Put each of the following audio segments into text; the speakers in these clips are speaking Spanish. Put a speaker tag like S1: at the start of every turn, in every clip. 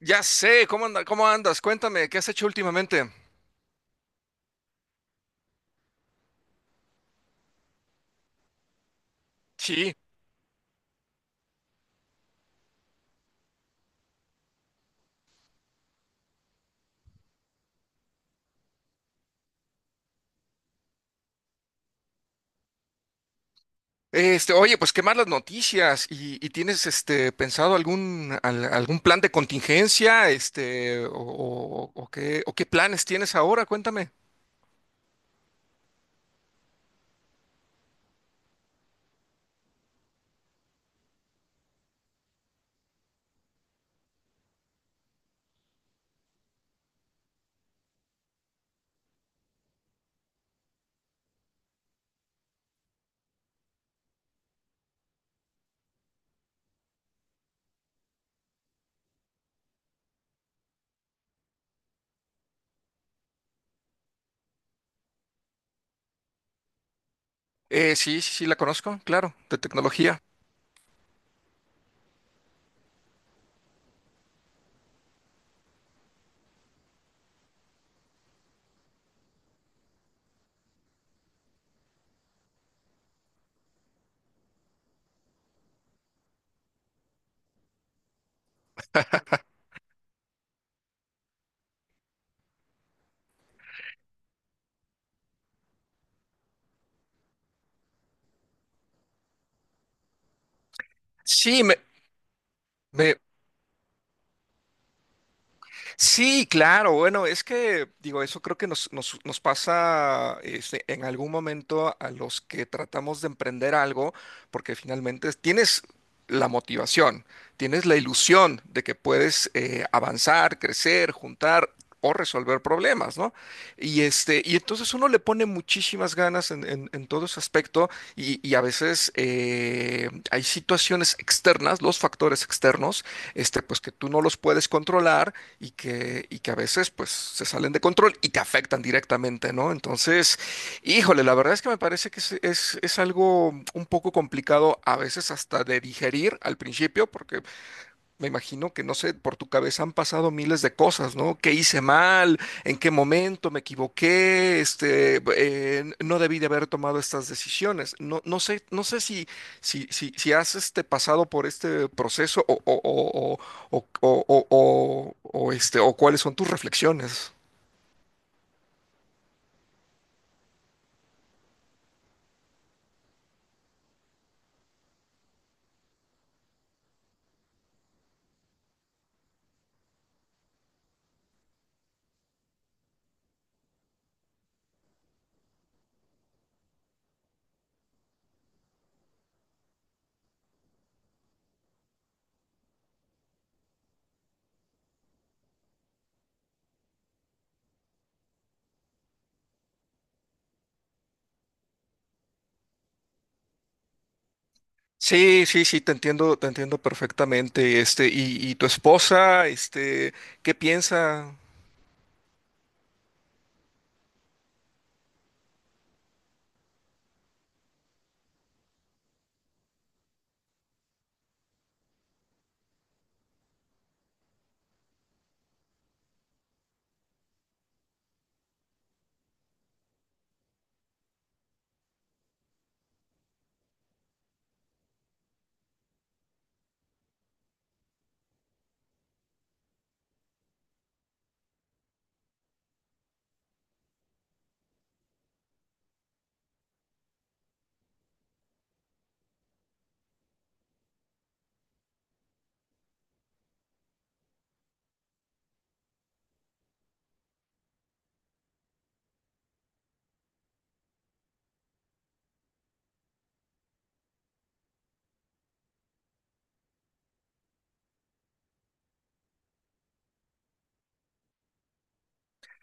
S1: Ya sé, ¿cómo anda- cómo andas? Cuéntame, ¿qué has hecho últimamente? Sí. Oye, pues qué más las noticias. ¿Y tienes pensado algún al- algún plan de contingencia? ¿O, o qué planes tienes ahora? Cuéntame. Sí, sí, sí, la conozco, claro, de tecnología. Sí, me, me, Sí, claro, bueno, es que digo, eso creo que nos pasa en algún momento a los que tratamos de emprender algo, porque finalmente tienes la motivación, tienes la ilusión de que puedes avanzar, crecer, juntar o resolver problemas, ¿no? Y entonces uno le pone muchísimas ganas en, en todo ese aspecto, y a veces hay situaciones externas, los factores externos, pues que tú no los puedes controlar y que a veces pues se salen de control y te afectan directamente, ¿no? Entonces, híjole, la verdad es que me parece que es algo un poco complicado a veces hasta de digerir al principio, porque me imagino que, no sé, por tu cabeza han pasado miles de cosas, ¿no? ¿Qué hice mal? ¿En qué momento me equivoqué? No debí de haber tomado estas decisiones. No, no sé, no sé si, si has pasado por este proceso o, o, o, o, o, este, o cuáles son tus reflexiones. Sí, sí, sí, te entiendo perfectamente. ¿Y, y tu esposa, qué piensa?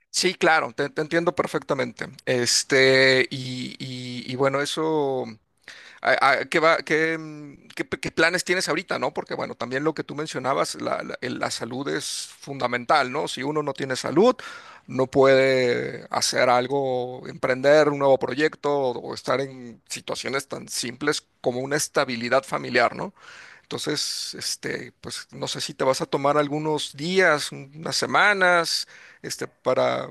S1: Sí, claro, te entiendo perfectamente. Y, y bueno, eso, ¿qué va, qué qué planes tienes ahorita, ¿no? Porque bueno, también lo que tú mencionabas, la, la salud es fundamental, ¿no? Si uno no tiene salud, no puede hacer algo, emprender un nuevo proyecto o estar en situaciones tan simples como una estabilidad familiar, ¿no? Entonces, pues no sé si te vas a tomar algunos días, unas semanas para...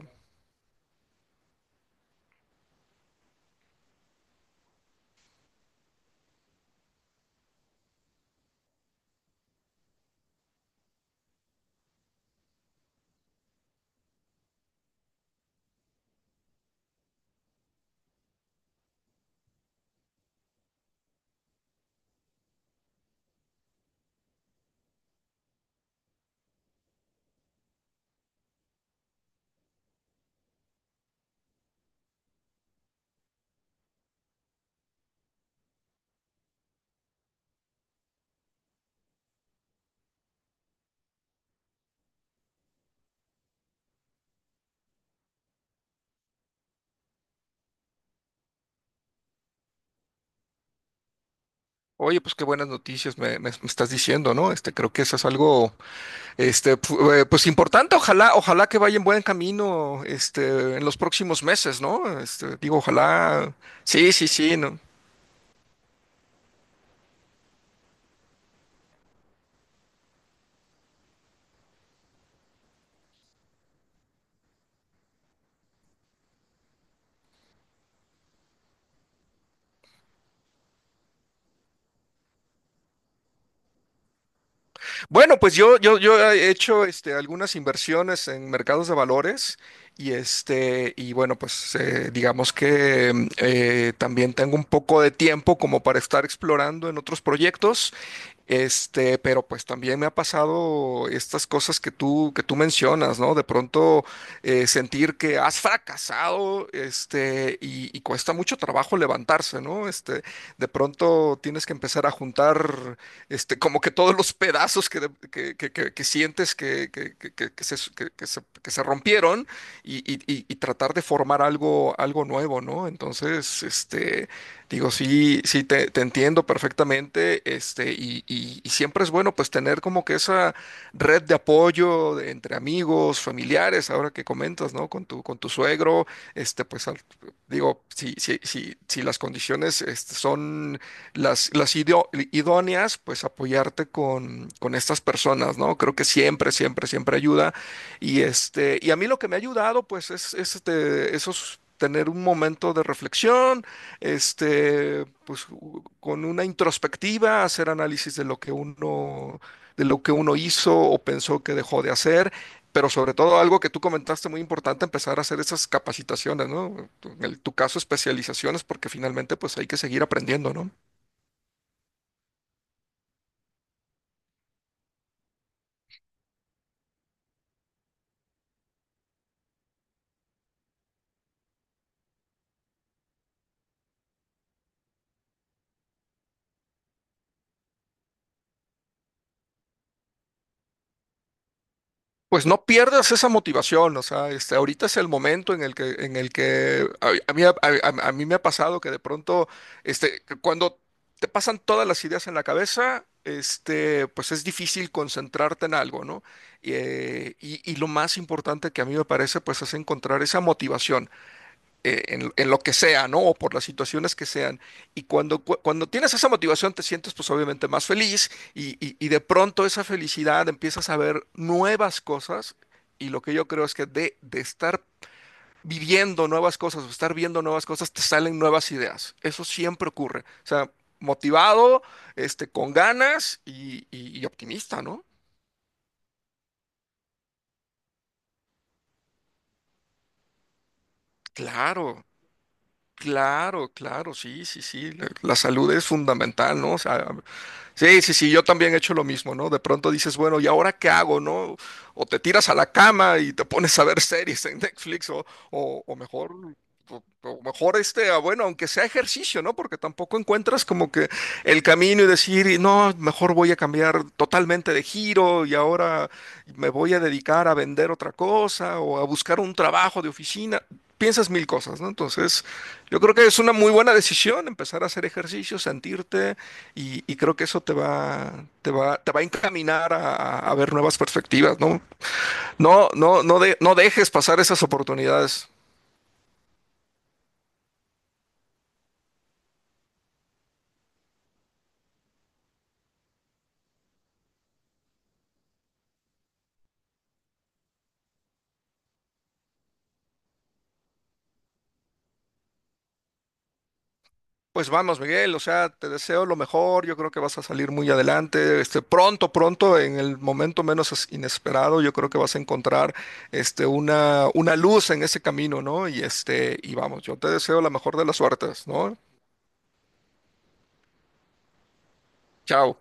S1: Oye, pues qué buenas noticias me, me estás diciendo, ¿no? Creo que eso es algo, pues importante. Ojalá, ojalá que vaya en buen camino, en los próximos meses, ¿no? Digo, ojalá. Sí, sí, sí, ¿no? Bueno, pues yo he hecho, algunas inversiones en mercados de valores y y bueno, pues digamos que también tengo un poco de tiempo como para estar explorando en otros proyectos. Pero pues también me ha pasado estas cosas que tú mencionas, ¿no? De pronto sentir que has fracasado, y cuesta mucho trabajo levantarse, ¿no? De pronto tienes que empezar a juntar, como que todos los pedazos que, que sientes que, que se rompieron y, y tratar de formar algo, algo nuevo, ¿no? Entonces, este... Digo, sí, sí, te entiendo perfectamente, y, y siempre es bueno pues tener como que esa red de apoyo entre amigos, familiares, ahora que comentas, ¿no? Con tu suegro, pues digo, si, si, si, si las condiciones son las, idóneas, pues apoyarte con estas personas, ¿no? Creo que siempre, siempre, siempre ayuda. Y a mí lo que me ha ayudado, pues, esos tener un momento de reflexión pues con una introspectiva, hacer análisis de lo que uno, de lo que uno hizo o pensó que dejó de hacer, pero sobre todo algo que tú comentaste muy importante, empezar a hacer esas capacitaciones, ¿no? En tu caso, especializaciones, porque finalmente pues hay que seguir aprendiendo, ¿no? Pues no pierdas esa motivación, o sea, ahorita es el momento en el que a mí me ha pasado que de pronto, que cuando te pasan todas las ideas en la cabeza, pues es difícil concentrarte en algo, ¿no? Y, y lo más importante que a mí me parece, pues, es encontrar esa motivación en lo que sea, ¿no? O por las situaciones que sean. Y cuando, cuando tienes esa motivación te sientes pues obviamente más feliz y, y de pronto esa felicidad empiezas a ver nuevas cosas y lo que yo creo es que de estar viviendo nuevas cosas o estar viendo nuevas cosas te salen nuevas ideas. Eso siempre ocurre. O sea, motivado, con ganas y, y optimista, ¿no? Claro. Claro, claro, sí, sí, sí. La salud es fundamental, ¿no? O sea, sí, sí, sí, yo también he hecho lo mismo, ¿no? De pronto dices, bueno, ¿y ahora qué hago, no? O te tiras a la cama y te pones a ver series en Netflix, o mejor, bueno, aunque sea ejercicio, ¿no? Porque tampoco encuentras como que el camino y decir, "Y no, mejor voy a cambiar totalmente de giro y ahora me voy a dedicar a vender otra cosa o a buscar un trabajo de oficina". Piensas mil cosas, ¿no? Entonces, yo creo que es una muy buena decisión empezar a hacer ejercicio, sentirte y creo que eso te va, te va a encaminar a, a ver nuevas perspectivas, ¿no? No, no, no, no dejes pasar esas oportunidades. Pues vamos, Miguel, o sea, te deseo lo mejor, yo creo que vas a salir muy adelante, pronto, pronto, en el momento menos inesperado, yo creo que vas a encontrar, una luz en ese camino, ¿no? Y vamos, yo te deseo la mejor de las suertes, ¿no? Chao.